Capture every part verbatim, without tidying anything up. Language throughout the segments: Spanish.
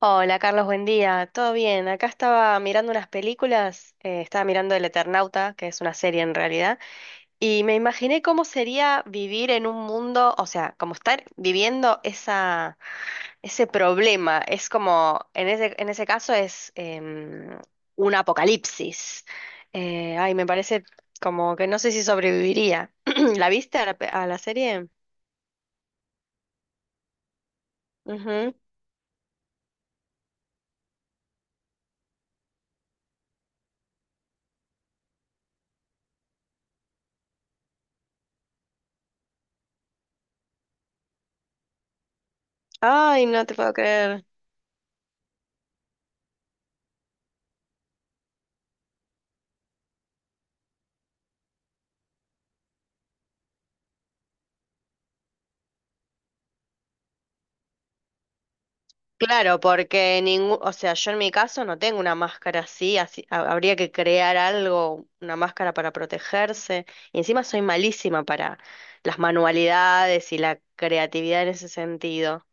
Hola Carlos, buen día. ¿Todo bien? Acá estaba mirando unas películas, eh, estaba mirando El Eternauta, que es una serie en realidad, y me imaginé cómo sería vivir en un mundo, o sea, como estar viviendo esa, ese problema. Es como, en ese, en ese caso es em, un apocalipsis. Eh, ay, me parece como que no sé si sobreviviría. ¿La viste a la, pe- a la serie? Ujú. Ay, no te puedo creer. Claro, porque ningún, o sea, yo en mi caso no tengo una máscara así, así ha- habría que crear algo, una máscara para protegerse. Y encima soy malísima para las manualidades y la creatividad en ese sentido.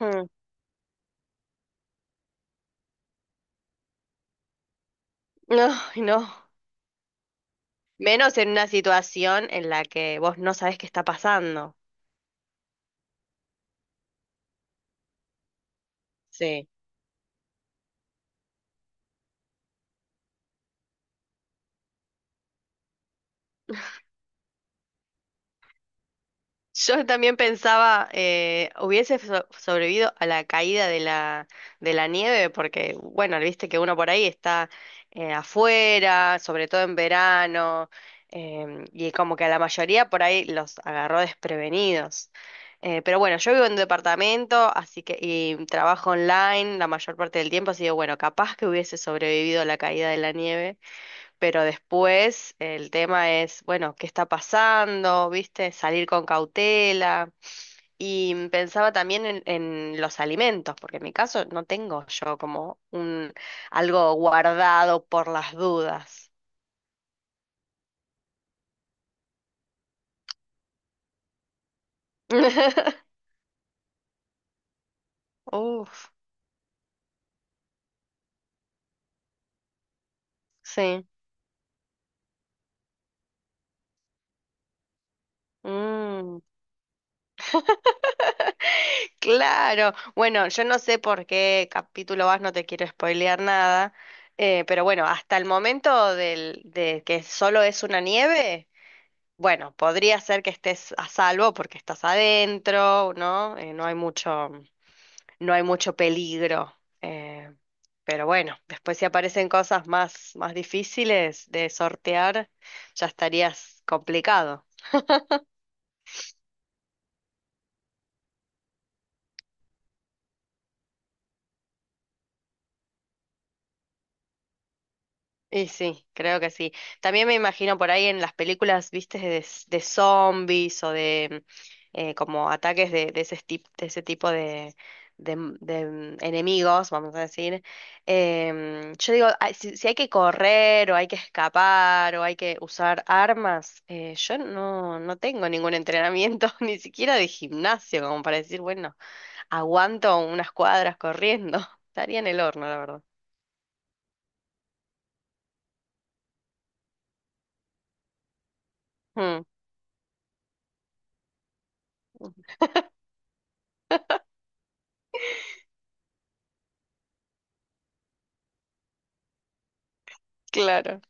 Mm, no, no. Menos en una situación en la que vos no sabés qué está pasando. Sí. Yo también pensaba, eh, hubiese so- sobrevivido a la caída de la, de la nieve, porque, bueno, viste que uno por ahí está eh, afuera, sobre todo en verano, em, y como que a la mayoría por ahí los agarró desprevenidos. Eh, pero bueno, yo vivo en un departamento, así que, y trabajo online la mayor parte del tiempo, así que, bueno, capaz que hubiese sobrevivido a la caída de la nieve. Pero después el tema es, bueno, ¿qué está pasando? ¿Viste? Salir con cautela. Y pensaba también en, en los alimentos, porque en mi caso no tengo yo como un algo guardado por las dudas. Uf, sí. Mm. Claro, bueno, yo no sé por qué capítulo vas, no te quiero spoilear nada, eh, pero bueno, hasta el momento del, de que solo es una nieve, bueno, podría ser que estés a salvo porque estás adentro, ¿no? Eh, no hay mucho, no hay mucho peligro. eh, pero bueno, después si aparecen cosas más, más difíciles de sortear, ya estarías complicado. Y sí, creo que sí. También me imagino por ahí en las películas, viste, de, s- de zombies o de eh, como ataques de, de ese, esti- de ese tipo de, de, m- de mm, enemigos, vamos a decir. Em, yo digo, ah, si, si hay que correr o hay que escapar o hay que usar armas, eh, yo no, no tengo ningún entrenamiento, ni siquiera de gimnasio, como para decir, bueno, aguanto unas cuadras corriendo. Estaría en el horno, la verdad. Mm, claro,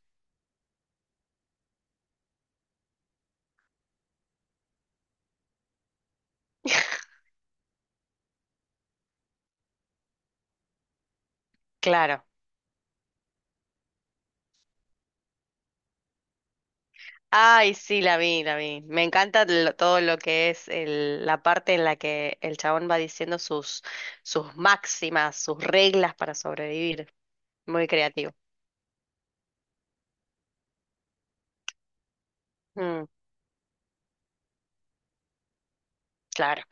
claro. Ay, sí, la vi, la vi. Me encanta lo- todo lo que es el- la parte en la que el chabón va diciendo sus, sus, máximas, sus reglas para sobrevivir. Muy creativo. Mm, claro.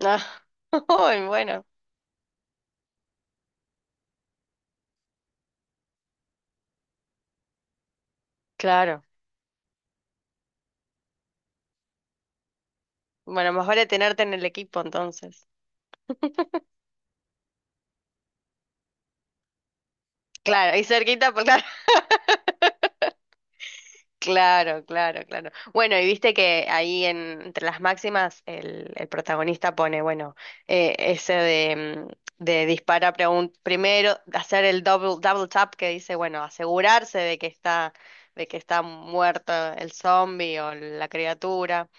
Ah, ay, bueno, claro. Bueno, más vale tenerte en el equipo entonces. Claro, y cerquita, pues claro. Claro, claro, claro. Bueno, y viste que ahí en, entre las máximas el, el protagonista pone, bueno, eh, ese de, mm, de dispara pregun- primero, hacer el double, double tap que dice, bueno, asegurarse de que está, de que está muerto el zombie o la criatura.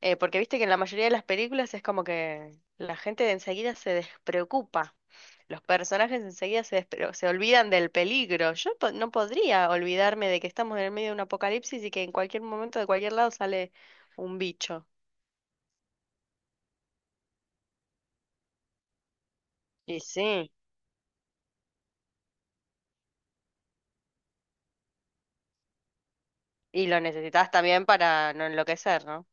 Eh, porque viste que en la mayoría de las películas es como que la gente de enseguida se despreocupa. Los personajes enseguida se, despre- se olvidan del peligro. Yo po- no podría olvidarme de que estamos en el medio de un apocalipsis y que en cualquier momento de cualquier lado sale un bicho. Y sí, y lo necesitas también para no enloquecer, ¿no?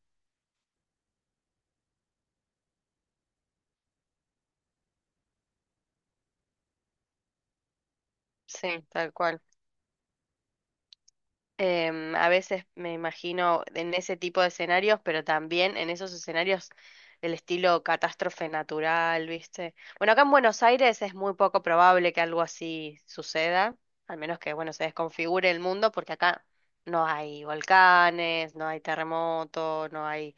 Sí, tal cual. Em, a veces me imagino en ese tipo de escenarios, pero también en esos escenarios del estilo catástrofe natural, ¿viste? Bueno, acá en Buenos Aires es muy poco probable que algo así suceda, al menos que, bueno, se desconfigure el mundo, porque acá no hay volcanes, no hay terremotos, no hay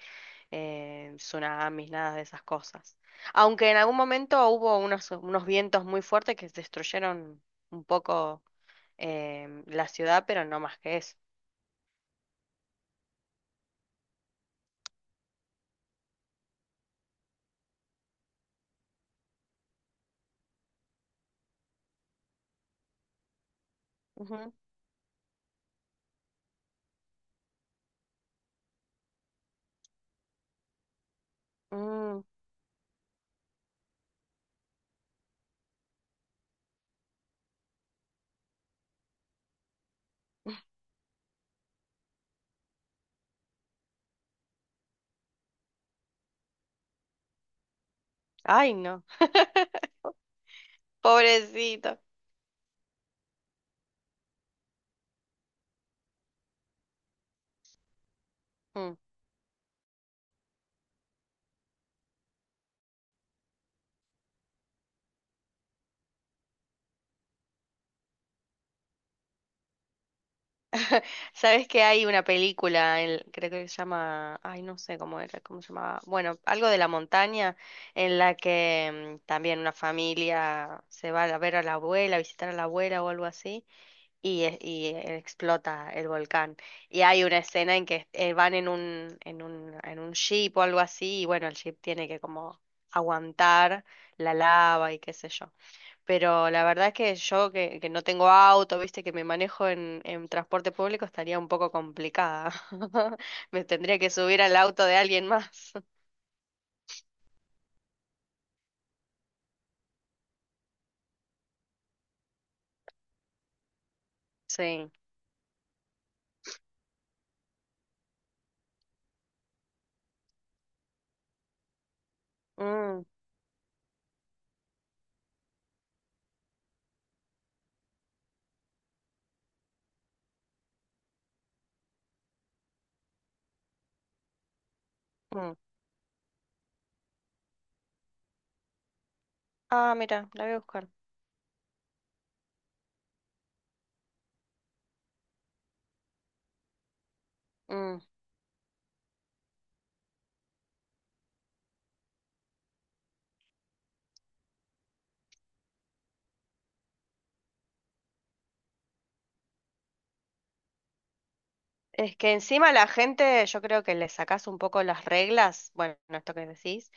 eh, tsunamis, nada de esas cosas. Aunque en algún momento hubo unos, unos vientos muy fuertes que destruyeron un poco em, la ciudad, pero no más que eso. Ujú. Mm. Ay, no. Pobrecito. Mm. Sabes que hay una película, el- creo que se llama, ay, no sé cómo era, cómo se llamaba, bueno, algo de la montaña, en la que mm, también una familia se va a ver a la abuela, a visitar a la abuela o algo así, y, es- y eh, explota el volcán. Y hay una escena en que eh, van en un, en un, en un jeep o algo así, y bueno, el jeep tiene que como aguantar la lava y qué sé yo. Pero la verdad es que yo que, que no tengo auto, viste, que me manejo en, en transporte público, estaría un poco complicada. Me tendría que subir al auto de alguien más. Sí. Mm, mm. Ah, mira, la voy a buscar. Mm. Es que encima la gente, yo creo que le sacás un poco las reglas, bueno, esto que decís,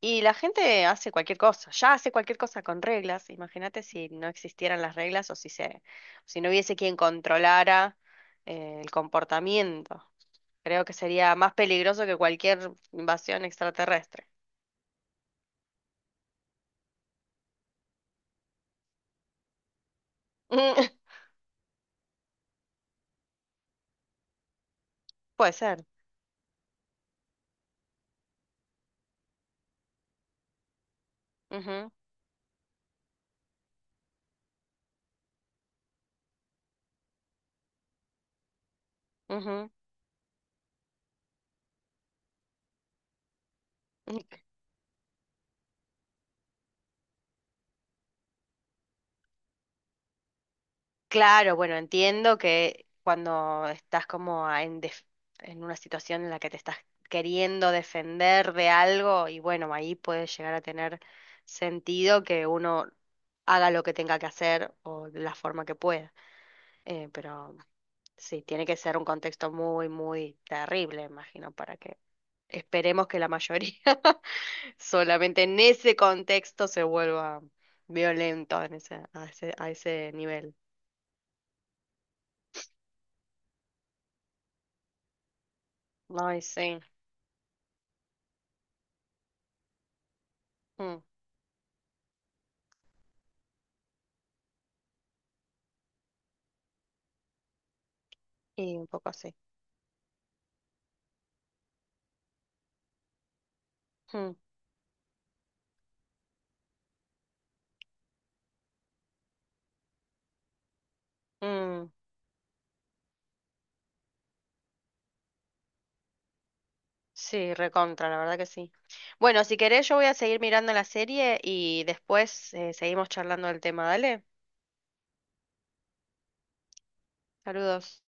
y la gente hace cualquier cosa, ya hace cualquier cosa con reglas. Imagínate si no existieran las reglas o si se, si no hubiese quien controlara eh, el comportamiento. Creo que sería más peligroso que cualquier invasión extraterrestre. Puede ser. Ujú, ujú. Claro, bueno, entiendo que cuando estás como a- en, def- en una situación en la que te estás queriendo defender de algo, y bueno, ahí puede llegar a tener sentido que uno haga lo que tenga que hacer o de la forma que pueda. Eh, pero sí, tiene que ser un contexto muy, muy terrible, imagino, para que esperemos que la mayoría solamente en ese contexto se vuelva violento en ese, a ese, a ese nivel. Ay, sí. Mm. Y un poco así. Mm, mm. Sí, recontra, la verdad que sí. Bueno, si querés, yo voy a seguir mirando la serie y después eh, seguimos charlando del tema, ¿dale? Saludos.